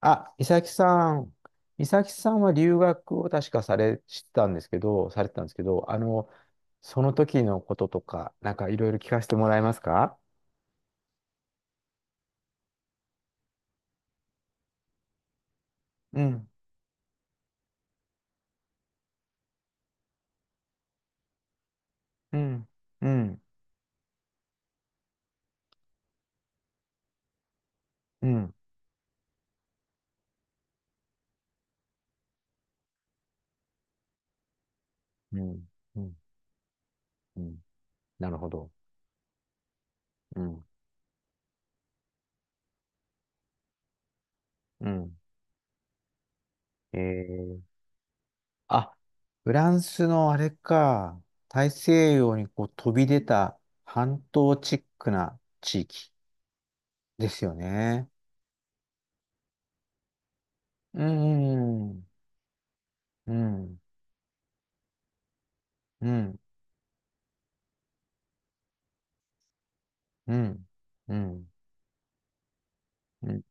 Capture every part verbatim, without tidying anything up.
あ、美咲さん。美咲さんは留学を確かされ、してたんですけど、されてたんですけど、あの、その時のこととか、なんかいろいろ聞かせてもらえますか？うん、うん、うん、うん、うん、うん、うん。なるほど。うん、うん。えー、あ、フランスのあれか、大西洋にこう飛び出た半島チックな地域ですよね。うん、うん、うん、うん、うん、うん、うん、うん、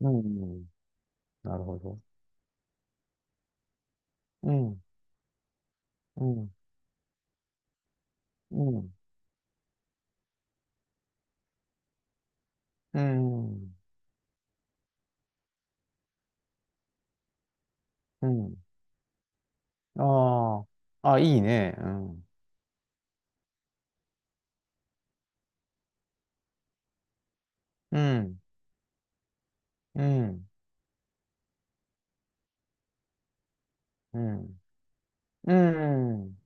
うん、なるほど。うん、うん、うん、うん、うん。ああ、あ、いいね。うん、うん、うん、うん、うん、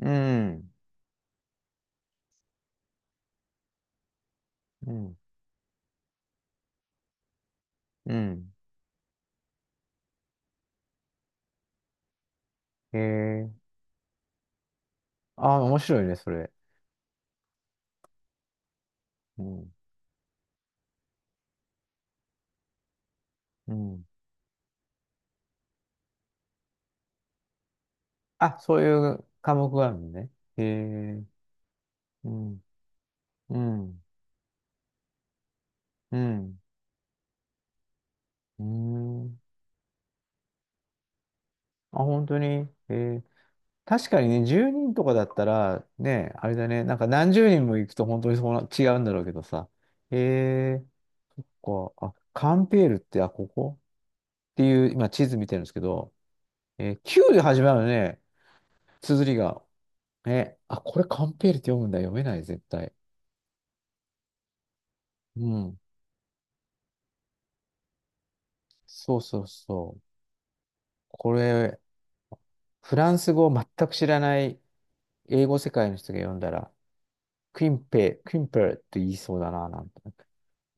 うん、うん、うん。へえ。ああ、面白いね、それ。うん、うん。あ、そういう科目があるのね。へえ。うん、うん、うん。うーん。あ、本当に。へえ。確かにね、じゅうにんとかだったら、ね、あれだね、なんか何十人も行くと本当にそうな、違うんだろうけどさ。へえ、そっか。あ、カンペールって、あ、ここっていう、今地図見てるんですけど、えー Q で始まるのね、綴りが。え、あ、これカンペールって読むんだ。読めない、絶対。うん。そうそうそう。これ、フランス語を全く知らない英語世界の人が読んだら、クインペ、クインペールって言いそうだな、なんて。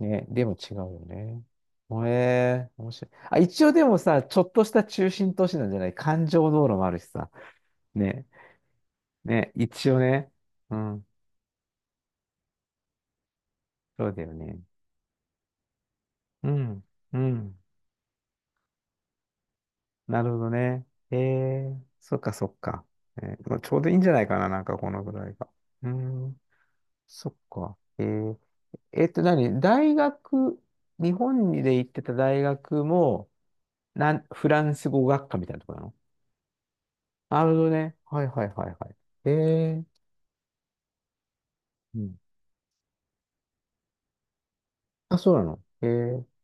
ね、でも違うよね。もえー、面白い。あ、一応でもさ、ちょっとした中心都市なんじゃない環状道路もあるしさ。ね、ね、一応ね。うん、そうだよね。うん、うん。なるほどね。えー、そっかそっか。えー、まあちょうどいいんじゃないかな、なんかこのぐらいが。うん、そっか。えー、えっと何、大学、日本で行ってた大学も、なん、フランス語学科みたいなところ。なるほどね。はいはいはいはい。ええ、うん。あ、そうなの。ええ、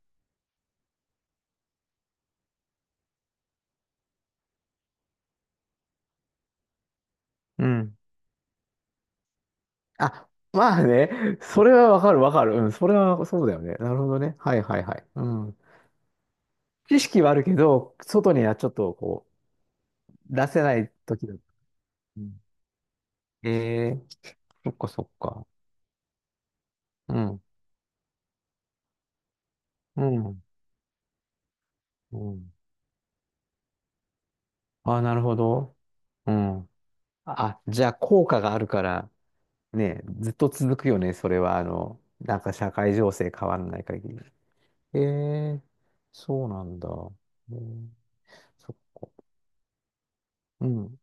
うん。あ、まあね。それはわかるわかる。うん。それはそうだよね。なるほどね。はいはいはい。うん。知識はあるけど、外にはちょっとこう、出せない時だ。うん、ええ、そっかそっか。うん。うん。うん。ああ、なるほど。うん。あ、じゃあ効果があるから、ね、ずっと続くよね。それは、あの、なんか社会情勢変わらない限り。ええ、そうなんだ。えー、そうん、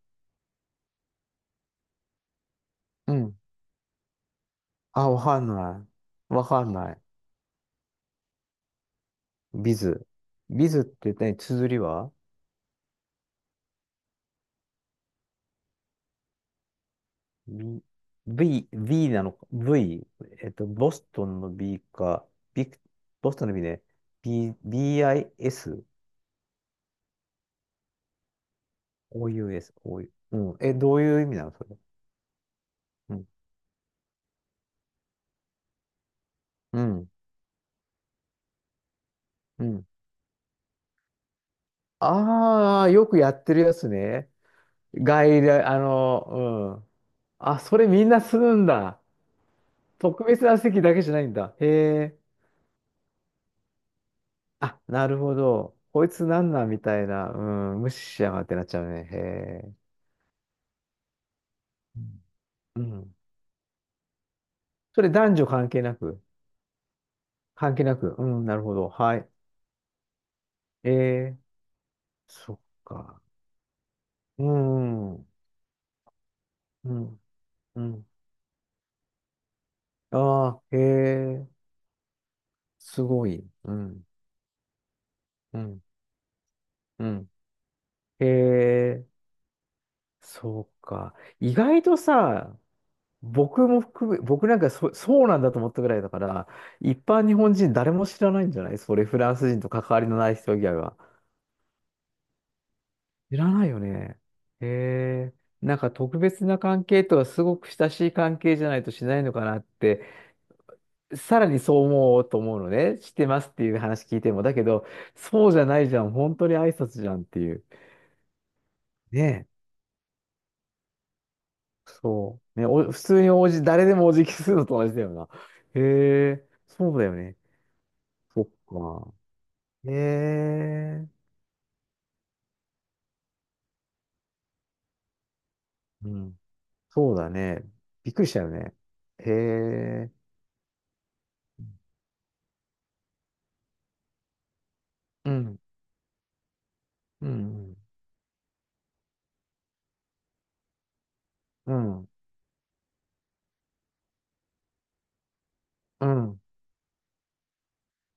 うん。あ、わかんない。わかんない。ビズ。ビズって何、綴りは ?V、V、V なのか ?V、えっと、ボストンの B か、ビク、ボストンの B ね。B、ビーアイエス、オーユーエス、o うん。え、どういう意味なのそれ。うん。うん。うん。ああ、よくやってるやつね。外来、あの、うん。あ、それみんなするんだ。特別な席だけじゃないんだ。へえ。あ、なるほど。こいつなんなんみたいな。うん。無視しやがってなっちゃうね。へえ。うん。うん、それ男女関係なく。関係なく。うん。なるほど。はい。ええ。そっか。うん。うん。うん。ああ、へえ。すごい。うん。うん。うん。へえ。そうか。意外とさ、僕も含め、僕なんかそ、そうなんだと思ったぐらいだから、一般日本人誰も知らないんじゃないそれ、フランス人と関わりのない人以外は。知らないよね。へえ。なんか特別な関係とはすごく親しい関係じゃないとしないのかなって、さらにそう思うと思うのね。知ってますっていう話聞いても。だけど、そうじゃないじゃん。本当に挨拶じゃんっていう。ねえ。そう。ね、お、普通におじ、誰でもお辞儀するのと同じだよな。へえ。そうだよね。そっか。へえ、うん。そうだね。びっくりしたよね。へえ、うん、うん、うん、うん。うん、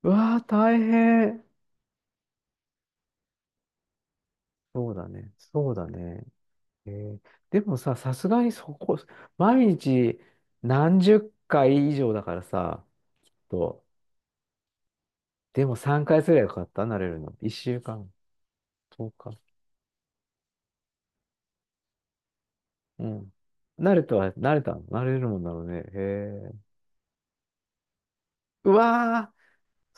うわー大変。そうだね。そうだね。へえ、でもさ、さすがにそこ、毎日何十回以上だからさ、と、でもさんかいすればよかった、慣れるの。いっしゅうかん、いちにち。うん。慣れたは、慣れたの、慣れるもんだろうね。へえ。うわ、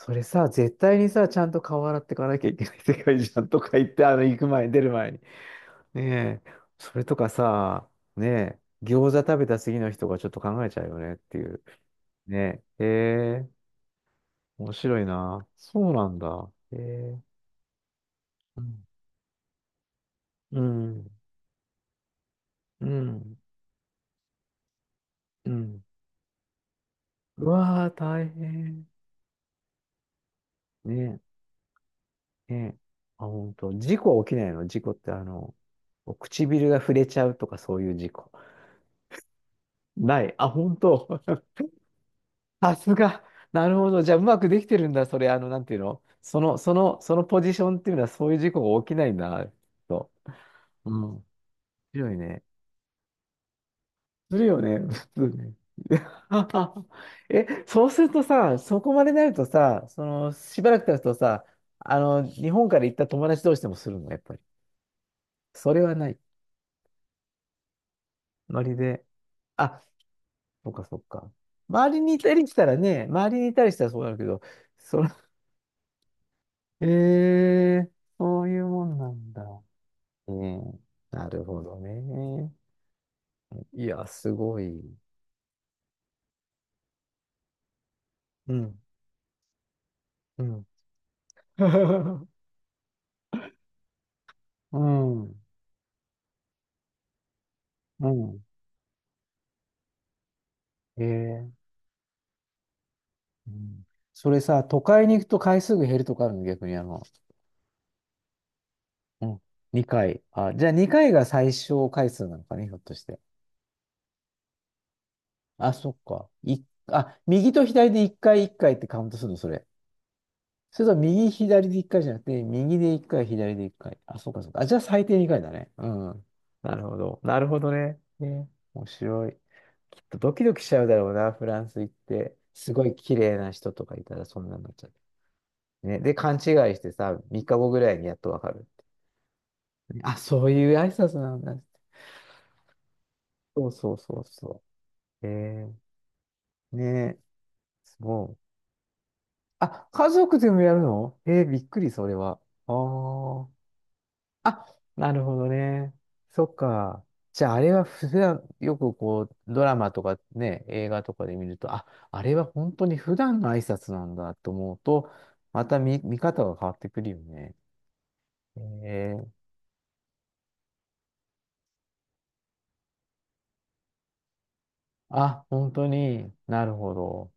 それさ、絶対にさ、ちゃんと顔洗ってかなきゃいけない世界じゃんとか言って、あの、行く前に、出る前に。ねえ、それとかさ、ねえ、餃子食べた次の人がちょっと考えちゃうよねっていう。ねえ、へえ、面白いな。そうなんだ。へえ、うん、うん、うん。うん、うわー、大変。ねえ、ねえ。あ、本当事故は起きないの、事故ってあの、唇が触れちゃうとかそういう事故。ない。あ、本当、さすが。なるほど。じゃあ、うまくできてるんだ。それ、あの、なんていうの、その、その、そのポジションっていうのは、そういう事故が起きないんだな、きっと。うん。面白いね。するよね、普通ね。え、そうするとさ、そこまでなるとさ、その、しばらく経つとさ、あの、日本から行った友達同士でもするの、やっぱり。それはない。ノリで。あ、そっかそっか。周りにいたりしたらね、周りにいたりしたらそうなるけど、その、えー、そういうもんなんだ。うん。なるほどね。いや、すごい。うん。うん。うん。うん。ええ。うん。それさ、都会に行くと回数が減るとかあるの、逆にあの、うん。にかい。あ、じゃあにかいが最小回数なのかね、ひょっとして。あ、そっか。い、あ、右と左でいっかいいっかいっかいってカウントするの、それ。それとも右、左でいっかいじゃなくて、右でいっかい、左でいっかい。あ、そっかそっか。あ、じゃあ最低にかいだね。うん。なるほど。なるほどね。ね。面白い。きっとドキドキしちゃうだろうな、フランス行って。すごい綺麗な人とかいたらそんなになっちゃうね、で、勘違いしてさ、みっかごぐらいにやっとわかる。あ、そういう挨拶なんだ。そうそうそうそう。えー、ね、すう、あ、家族でもやるの、えー、びっくり、それは。ああ。あ、なるほどね。そっか。じゃあ、あれは普段、よくこう、ドラマとかね、映画とかで見ると、あ、あれは本当に普段の挨拶なんだと思うと、また見、見方が変わってくるよね。えー、あ、本当になるほど。